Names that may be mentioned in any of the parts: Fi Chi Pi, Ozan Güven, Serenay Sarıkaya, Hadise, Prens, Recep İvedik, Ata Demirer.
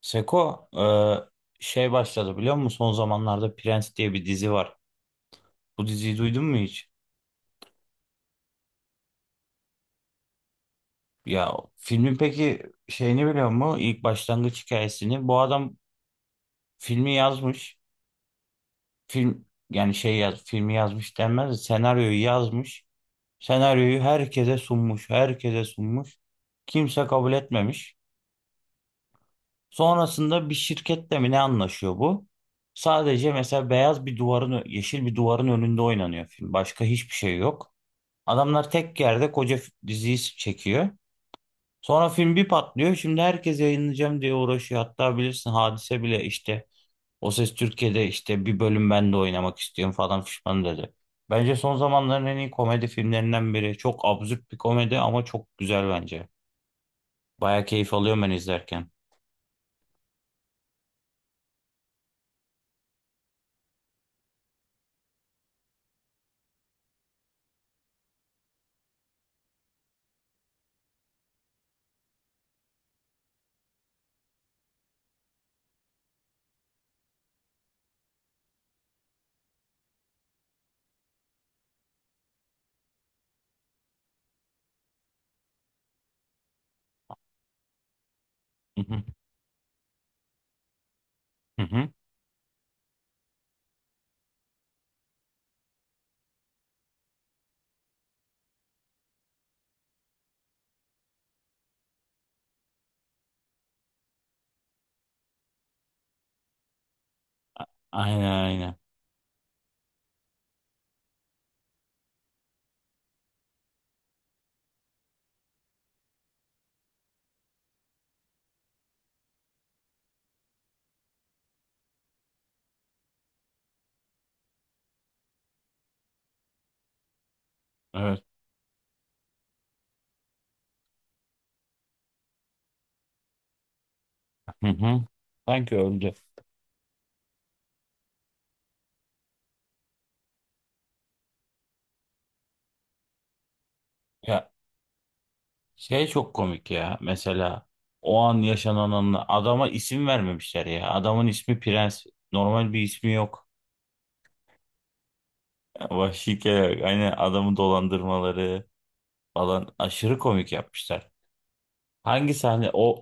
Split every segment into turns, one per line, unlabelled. Seko şey başladı biliyor musun? Son zamanlarda Prens diye bir dizi var. Bu diziyi duydun mu hiç? Ya filmin peki şeyini biliyor musun? İlk başlangıç hikayesini. Bu adam filmi yazmış. Film yani şey filmi yazmış denmez de senaryoyu yazmış. Senaryoyu herkese sunmuş. Herkese sunmuş. Kimse kabul etmemiş. Sonrasında bir şirketle mi ne anlaşıyor bu? Sadece mesela beyaz bir duvarın, yeşil bir duvarın önünde oynanıyor film. Başka hiçbir şey yok. Adamlar tek yerde koca diziyi çekiyor. Sonra film bir patlıyor. Şimdi herkes yayınlayacağım diye uğraşıyor. Hatta bilirsin Hadise bile işte O Ses Türkiye'de işte bir bölüm ben de oynamak istiyorum falan fişman dedi. Bence son zamanların en iyi komedi filmlerinden biri. Çok absürt bir komedi ama çok güzel bence. Baya keyif alıyorum ben izlerken. Hı hı. Hı hı. Aynen, aynen. Evet. Hı hı. Sanki öldü. Ya şey çok komik ya. Mesela o an yaşananın adama isim vermemişler ya. Adamın ismi Prens. Normal bir ismi yok. Vahşice hani adamı dolandırmaları falan aşırı komik yapmışlar. Hangi sahne o?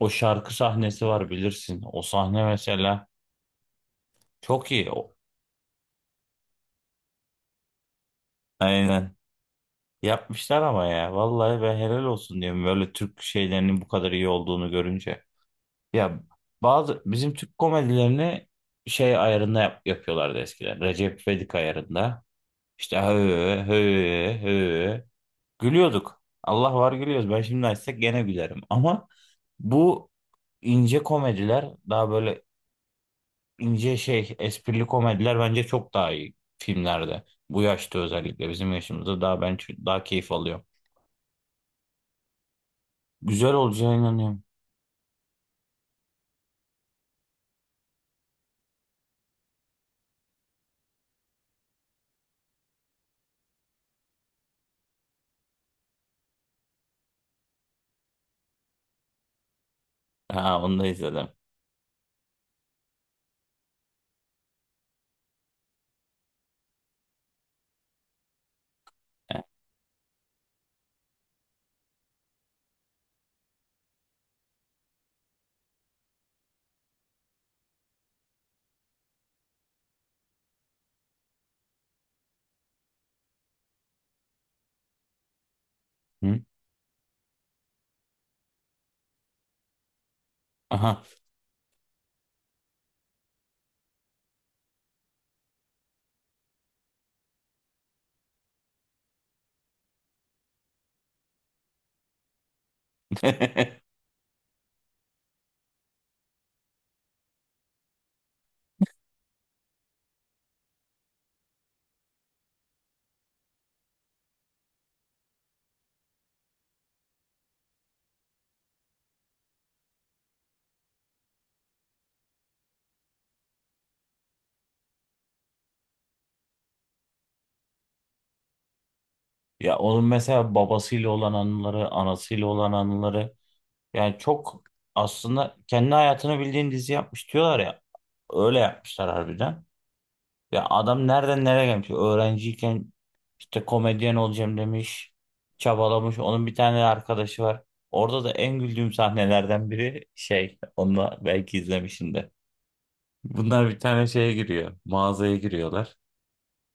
O şarkı sahnesi var bilirsin. O sahne mesela çok iyi. Aynen. Yapmışlar ama ya. Vallahi ben helal olsun diyorum böyle Türk şeylerinin bu kadar iyi olduğunu görünce. Ya bazı bizim Türk komedilerini şey ayarında yapıyorlardı eskiden. Recep İvedik ayarında. İşte hı hı hı. Gülüyorduk. Allah var gülüyoruz. Ben şimdi açsak gene gülerim. Ama bu ince komediler daha böyle ince şey esprili komediler bence çok daha iyi filmlerde. Bu yaşta özellikle bizim yaşımızda daha keyif alıyorum. Güzel olacağına inanıyorum. Ha, onu da izledim. Hı? Aha. Ya onun mesela babasıyla olan anıları, anasıyla olan anıları yani çok aslında kendi hayatını bildiğin dizi yapmış diyorlar ya. Öyle yapmışlar harbiden. Ya adam nereden nereye gelmiş? Öğrenciyken işte komedyen olacağım demiş. Çabalamış. Onun bir tane arkadaşı var. Orada da en güldüğüm sahnelerden biri şey. Onu da belki izlemişsindir. Bunlar bir tane şeye giriyor. Mağazaya giriyorlar.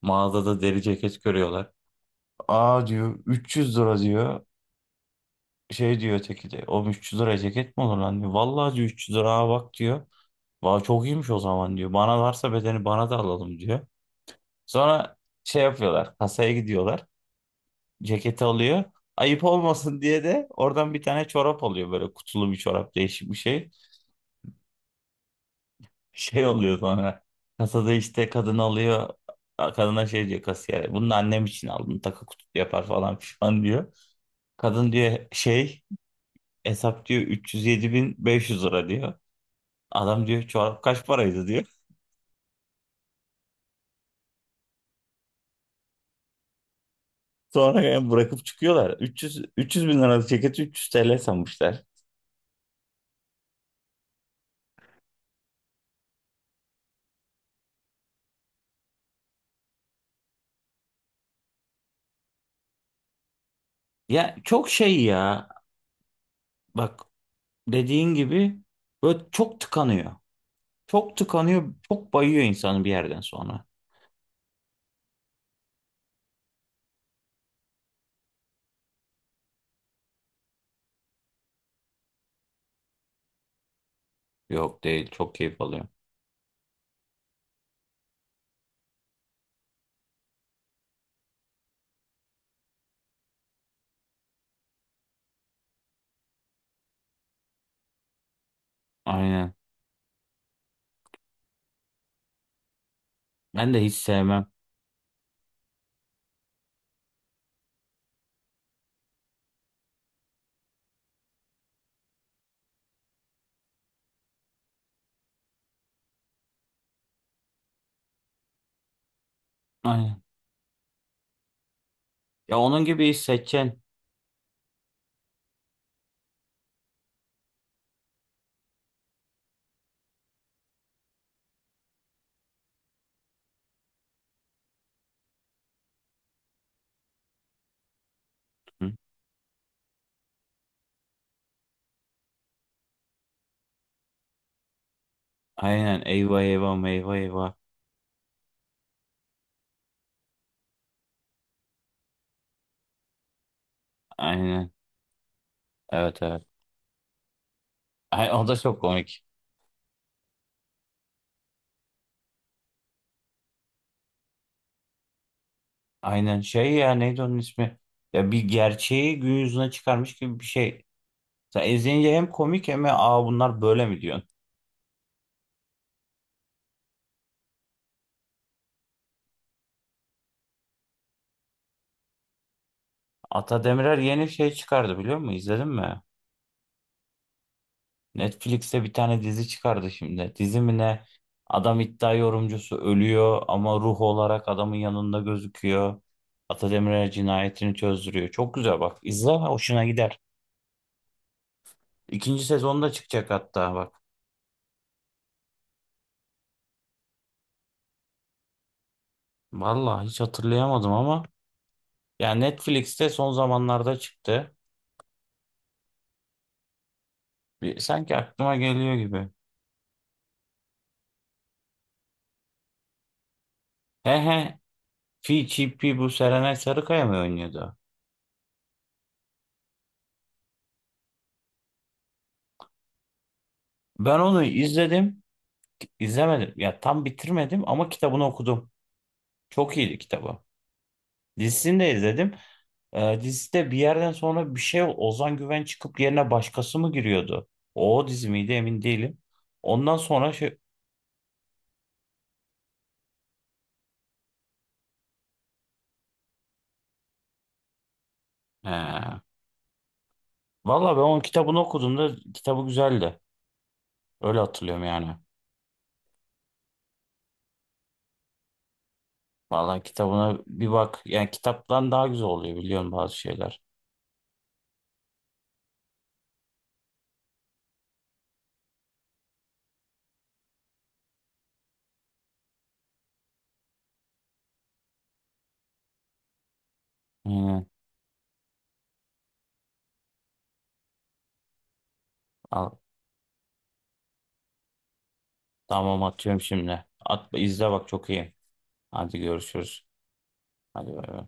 Mağazada deri ceket görüyorlar. Aa diyor, 300 lira diyor. Şey diyor öteki de, o 300 liraya ceket mi olur lan diyor. Vallahi diyor, 300 lira bak diyor. Vallahi çok iyiymiş o zaman diyor. Bana varsa bedeni, bana da alalım diyor. Sonra şey yapıyorlar, kasaya gidiyorlar. Ceketi alıyor. Ayıp olmasın diye de oradan bir tane çorap alıyor, böyle kutulu bir çorap, değişik bir şey. Şey oluyor sonra, kasada işte kadın alıyor. Kadına şey diyor, kasiyere. Bunu da annem için aldım, takı kutu yapar falan pişman diyor. Kadın diyor şey, hesap diyor 307.500 lira diyor. Adam diyor, çorap kaç paraydı diyor. Sonra yani bırakıp çıkıyorlar. 300, 300 bin liralık ceketi 300 TL sanmışlar. Ya çok şey ya. Bak, dediğin gibi böyle çok tıkanıyor. Çok tıkanıyor. Çok bayıyor insanı bir yerden sonra. Yok, değil. Çok keyif alıyor. Aynen. Ben de hiç sevmem. Aynen. Ya onun gibi seçen. Aynen. Eyvah, eyvah, eyvah, eyvah. Aynen. Evet, evet. Ay, o da çok komik. Aynen, şey ya neydi onun ismi? Ya bir gerçeği gün yüzüne çıkarmış gibi bir şey. Sen izleyince hem komik hem de aa bunlar böyle mi diyorsun? Ata Demirer yeni şey çıkardı, biliyor musun? İzledin mi? Netflix'te bir tane dizi çıkardı şimdi. Dizi mi ne? Adam iddia yorumcusu ölüyor ama ruh olarak adamın yanında gözüküyor. Ata Demirer cinayetini çözdürüyor. Çok güzel bak. İzle, hoşuna gider. İkinci sezonda çıkacak hatta bak. Vallahi hiç hatırlayamadım ama. Ya Netflix'te son zamanlarda çıktı. Bir, sanki aklıma geliyor gibi. He he. Fi Chi Pi bu Serenay Sarıkaya mı oynuyordu? Ben onu izledim. İzlemedim. Ya tam bitirmedim ama kitabını okudum. Çok iyiydi kitabı. Dizisini de izledim. Dizide bir yerden sonra bir şey Ozan Güven çıkıp yerine başkası mı giriyordu? O dizi miydi emin değilim. Ondan sonra şey... He. Valla ben onun kitabını okuduğumda kitabı güzeldi. Öyle hatırlıyorum yani. Valla kitabına bir bak. Yani kitaptan daha güzel oluyor, biliyorum bazı şeyler. Hı, al. Tamam, atıyorum şimdi. At, izle bak çok iyi. Hadi görüşürüz. Hadi bay bay.